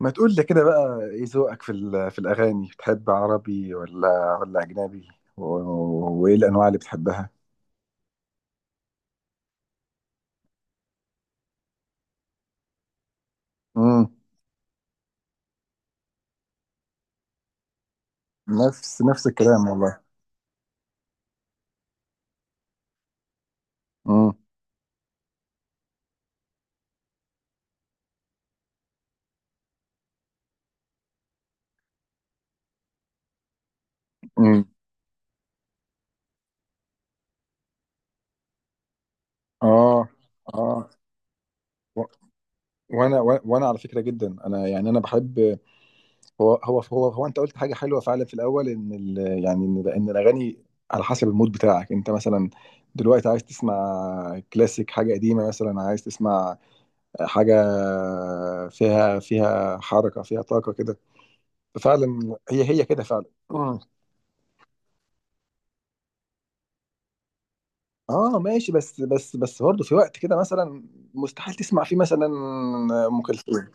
ما تقول لي كده بقى، ايه ذوقك في الاغاني بتحب عربي ولا اجنبي وايه الانواع اللي بتحبها؟ امم نفس الكلام والله. امم امم اه. اه. و- وانا على فكره، جدا انا يعني انا بحب. هو انت قلت حاجه حلوه فعلا في الاول، ان ال يعني ان ان الاغاني على حسب المود بتاعك انت. مثلا دلوقتي عايز تسمع كلاسيك، حاجه قديمه، مثلا عايز تسمع حاجة فيها حركة، فيها طاقة كده. ففعلا هي كده فعلا. مم. اه ماشي، بس بس برضه في وقت كده مثلا مستحيل تسمع فيه مثلا ام كلثوم.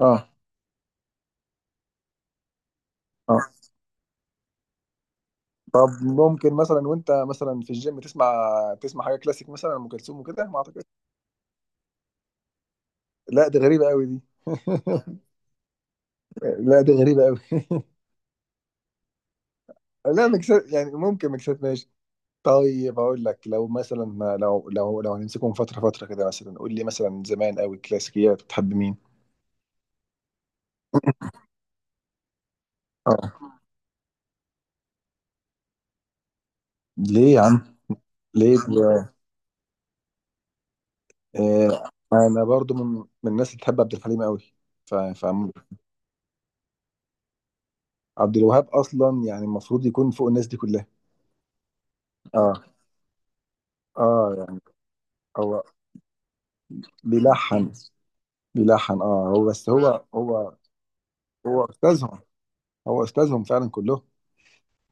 اه. اه. طب ممكن مثلا وانت مثلا في الجيم تسمع، تسمع حاجه كلاسيك مثلا ام كلثوم وكده؟ ما اعتقد. لا دي غريبه قوي دي. لا دي غريبه قوي. لا ميكسات يعني ممكن، ميكسات ماشي. طيب اقول لك، لو مثلا لو هنمسكهم فتره فتره كده، مثلا قول لي مثلا زمان قوي كلاسيكيات بتحب مين؟ اه. ليه يا عم؟ ليه؟ آه انا برضو من من الناس اللي بتحب عبد الحليم قوي. ف ف- عبد الوهاب اصلا يعني المفروض يكون فوق الناس دي كلها. اه. اه يعني. هو بيلحن. بيلحن اه، هو بس هو هو استاذهم. هو استاذهم فعلا كلهم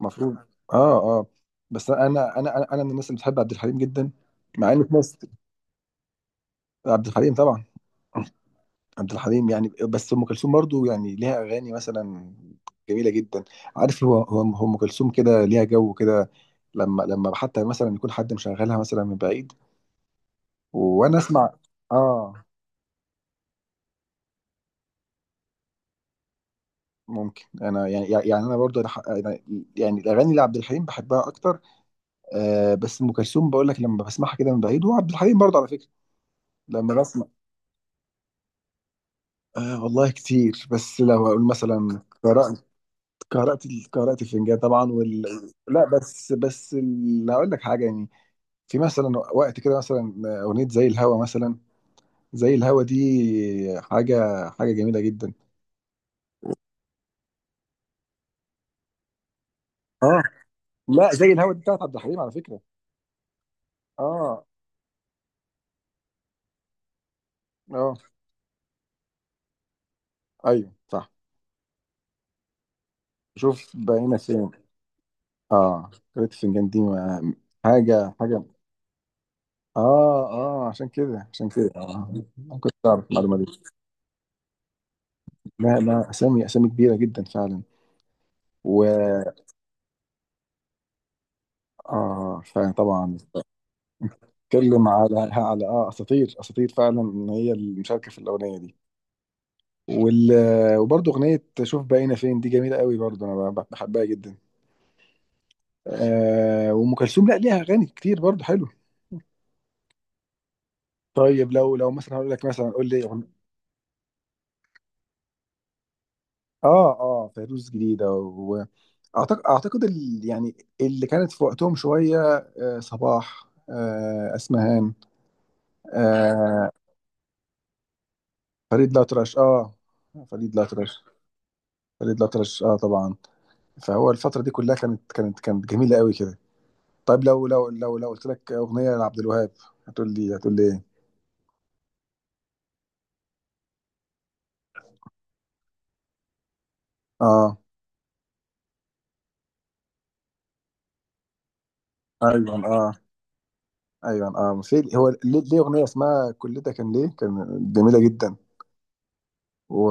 المفروض. اه. اه. بس انا، أنا من الناس اللي بتحب عبد الحليم جدا، مع ان في ناس. عبد الحليم طبعا. عبد الحليم يعني، بس ام كلثوم برضو يعني ليها اغاني مثلا جميله جدا. عارف، هو هو هو ام كلثوم كده ليها جو كده لما حتى مثلا يكون حد مشغلها مثلا من بعيد. وانا اه اسمع. اه. ممكن انا يعني، يعني انا برضو أنا يعني الاغاني لعبد الحليم بحبها اكتر. آه، بس ام كلثوم بقول لك لما بسمعها كده من بعيد، وعبد الحليم برضو على فكره لما بسمع. آه والله كتير، بس لو اقول مثلا قراءة، قارئة الفنجان طبعا، وال... لا بس بس ال... هقول لك حاجه يعني. في مثلا وقت كده مثلا اغنيه زي الهوا مثلا. زي الهوا دي حاجه، جميله جدا. اه لا، زي الهوا دي بتاعت عبد الحليم على فكره. اه. اه. ايوه صح. شوف بقينا فين. اه، قارئة الفنجان دي ما... حاجه، اه. اه عشان كده، اه ما كنتش اعرف المعلومه دي. لا لا، اسامي كبيره جدا فعلا. و اه فعلا طبعا. بتتكلم على اه اساطير، فعلا ان هي المشاركه في الاغنيه دي. وال... وبرضه اغنيه شوف بقينا فين دي جميله قوي برضه، انا بحبها جدا. آه، وام كلثوم لا ليها اغاني كتير برضه حلو. طيب لو مثلا هقول لك مثلا قول لي اه. اه فيروز جديده، واعتقد ال... يعني اللي كانت في وقتهم شويه. آه صباح، آه اسمهان، آه فريد الأطرش. اه فريد الأطرش. فريد الأطرش اه طبعا. فهو الفترة دي كلها كانت كانت جميلة قوي كده. طيب لو لو قلت لك أغنية لعبد الوهاب هتقول لي إيه؟ آه. أيوه آه. أيوه آه، في هو ليه، ليه أغنية اسمها كل ده كان ليه، كان جميلة جدا. و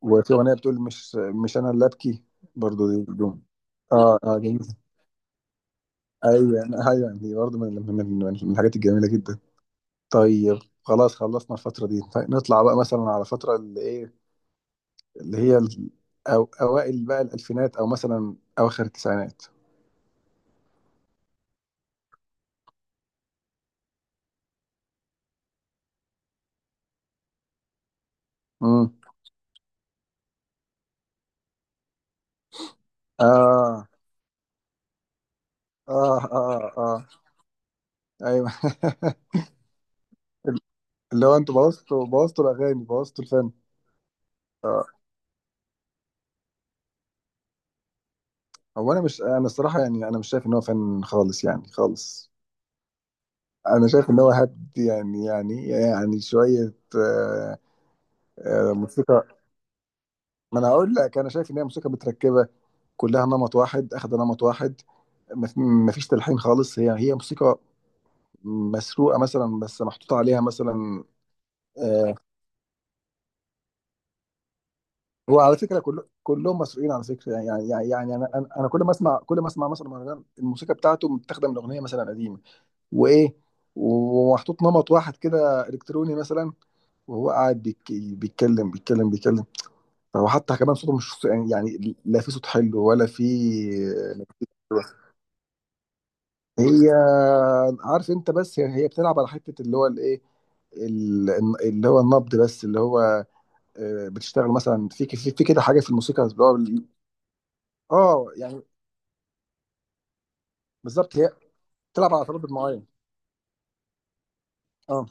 وفي أغنية بتقول مش أنا اللي أبكي، برضه دي بدون. آه. آه جميلة. أيوه. أيوه دي برضه من من الحاجات الجميلة جدا. طيب خلاص خلصنا الفترة دي، طيب نطلع بقى مثلا على فترة اللي إيه، اللي هي ال- أو أوائل بقى الألفينات، أو مثلا أواخر التسعينات. امم آه. آه. آه. آه. أيوه. اللي هو أنتوا بوظتوا الأغاني، بوظتوا الفن. آه. هو أنا مش، أنا الصراحة يعني أنا مش شايف إن هو فن خالص يعني، خالص. أنا شايف إن هو هبد يعني، شوية آه. آه، موسيقى. ما أنا هقول لك، أنا شايف إن هي موسيقى متركبة، كلها نمط واحد، أخد نمط واحد، ما فيش تلحين خالص. هي موسيقى مسروقه مثلا، بس محطوط عليها مثلا. آه. هو على فكره كل مسروقين على فكره يعني، انا انا أنا كل ما اسمع مثلا مهرجان، الموسيقى بتاعته متاخده من اغنيه مثلا قديمه، وايه ومحطوط نمط واحد كده الكتروني مثلا، وهو قاعد بيك بيتكلم. هو حتى كمان صوته مش، يعني لا في صوت حلو ولا في. هي عارف انت، بس هي بتلعب على حته اللي هو الايه، ال- اللي هو النبض، بس اللي هو آه، بتشتغل مثلا في كده حاجه في الموسيقى اللي هو اه يعني. بالظبط، هي بتلعب على تردد معين. اه.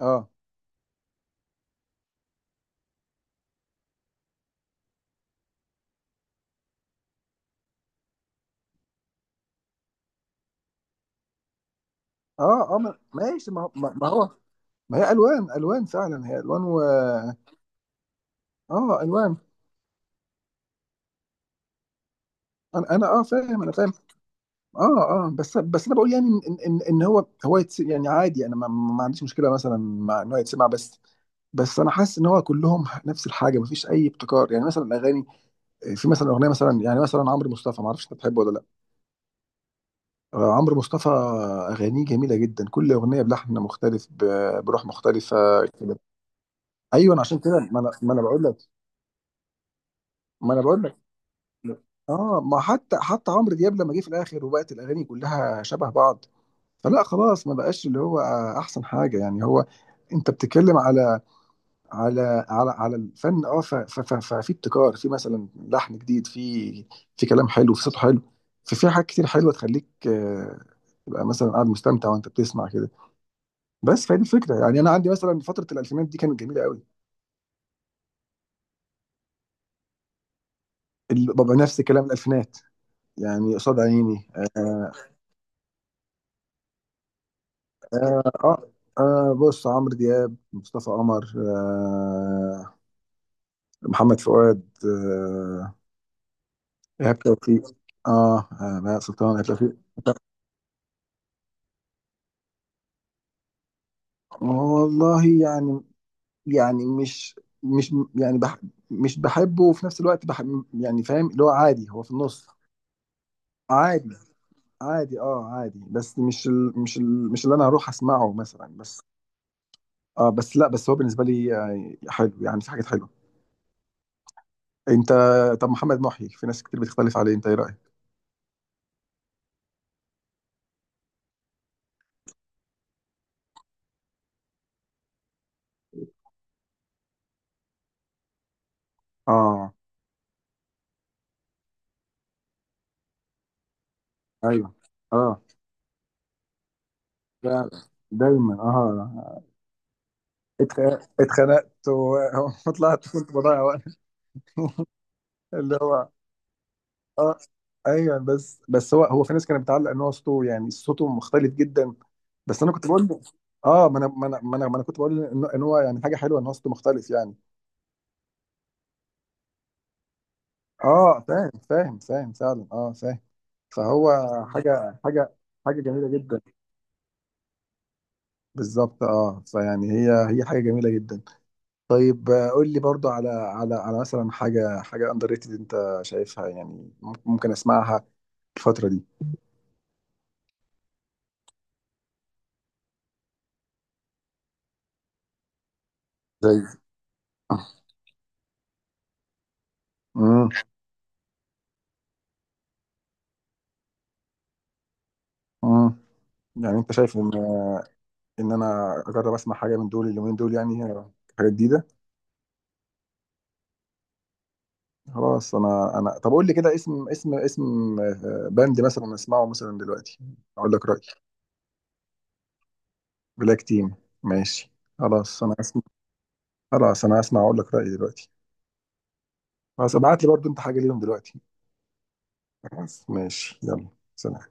اه. اه. اه ماشي، ما هو ما ما هو. ما هي الوان، فعلا هي الوان. و اه الوان. انا انا اه فاهم، انا فاهم. اه. اه بس انا بقول يعني ان إن هو يتس يعني عادي انا ما عنديش مشكله مثلا مع ان هو يتسمع، بس بس انا حاسس ان هو كلهم نفس الحاجه، مفيش اي ابتكار، يعني مثلا الاغاني في مثلا اغنيه مثلا يعني مثلا عمرو مصطفى، ما اعرفش انت بتحبه ولا لا. آه، عمرو مصطفى اغانيه جميله جدا، كل اغنيه بلحن مختلف، بروح مختلفه كده. ايوه، أنا عشان كده، ما انا ما انا بقول لك اه. ما حتى عمرو دياب لما جه في الاخر وبقت الاغاني كلها شبه بعض، فلا خلاص، ما بقاش اللي هو احسن حاجه يعني. هو انت بتتكلم على على الفن، اه ففي ابتكار، في مثلا لحن جديد، في كلام حلو، في صوت حلو، في حاجات كتير حلوه تخليك آه، تبقى مثلا قاعد مستمتع وانت بتسمع كده. بس فهي دي الفكره يعني، انا عندي مثلا فتره الالفينات دي كانت جميله قوي. بابا نفس الكلام، الالفينات يعني قصاد عيني. آه. آه, آه, آه بص، عمرو دياب، مصطفى قمر آه، محمد فؤاد آه، ايهاب توفيق. اه آه، بهاء سلطان، ايهاب توفيق. والله يعني، يعني مش مش يعني بح مش بحبه، وفي نفس الوقت بحب يعني فاهم، اللي هو عادي هو في النص. عادي. عادي اه عادي، بس مش اللي انا هروح اسمعه مثلا بس. اه بس لا، بس هو بالنسبه لي آه، حلو يعني، في حاجات حلوه. انت طب محمد محي، في ناس كتير بتختلف عليه، انت ايه رايك؟ اه. ايوه. اه. لا دايما اه. اتخنقت وطلعت. كنت بضيع وقت. اللي هو اه ايوه. بس هو في ناس كانت بتعلق ان هو صوته يعني صوته مختلف جدا. بس انا كنت بقول اه. ما انا ما أنا كنت بقول ان إن هو يعني حاجه حلوه ان هو صوته مختلف يعني. اه فاهم، فاهم فعلا، اه فاهم. فهو حاجه، حاجه جميله جدا. بالظبط اه فيعني هي حاجه جميله جدا. طيب آه، قول لي برضو على مثلا حاجه، اندر ريتد انت شايفها يعني، ممكن اسمعها الفتره دي زي. امم امم يعني انت شايف ان انا اجرب اسمع حاجه من دول اليومين دول يعني، حاجه جديده. خلاص، انا انا طب قول لي كده اسم، اسم آه، باند مثلا اسمعه مثلا دلوقتي، اقول لك رايي. بلاك تيم، ماشي. خلاص انا اسمع. اقول لك رايي دلوقتي. خلاص، ابعت لي برضو انت حاجه ليهم دلوقتي. خلاص ماشي، يلا. سلام.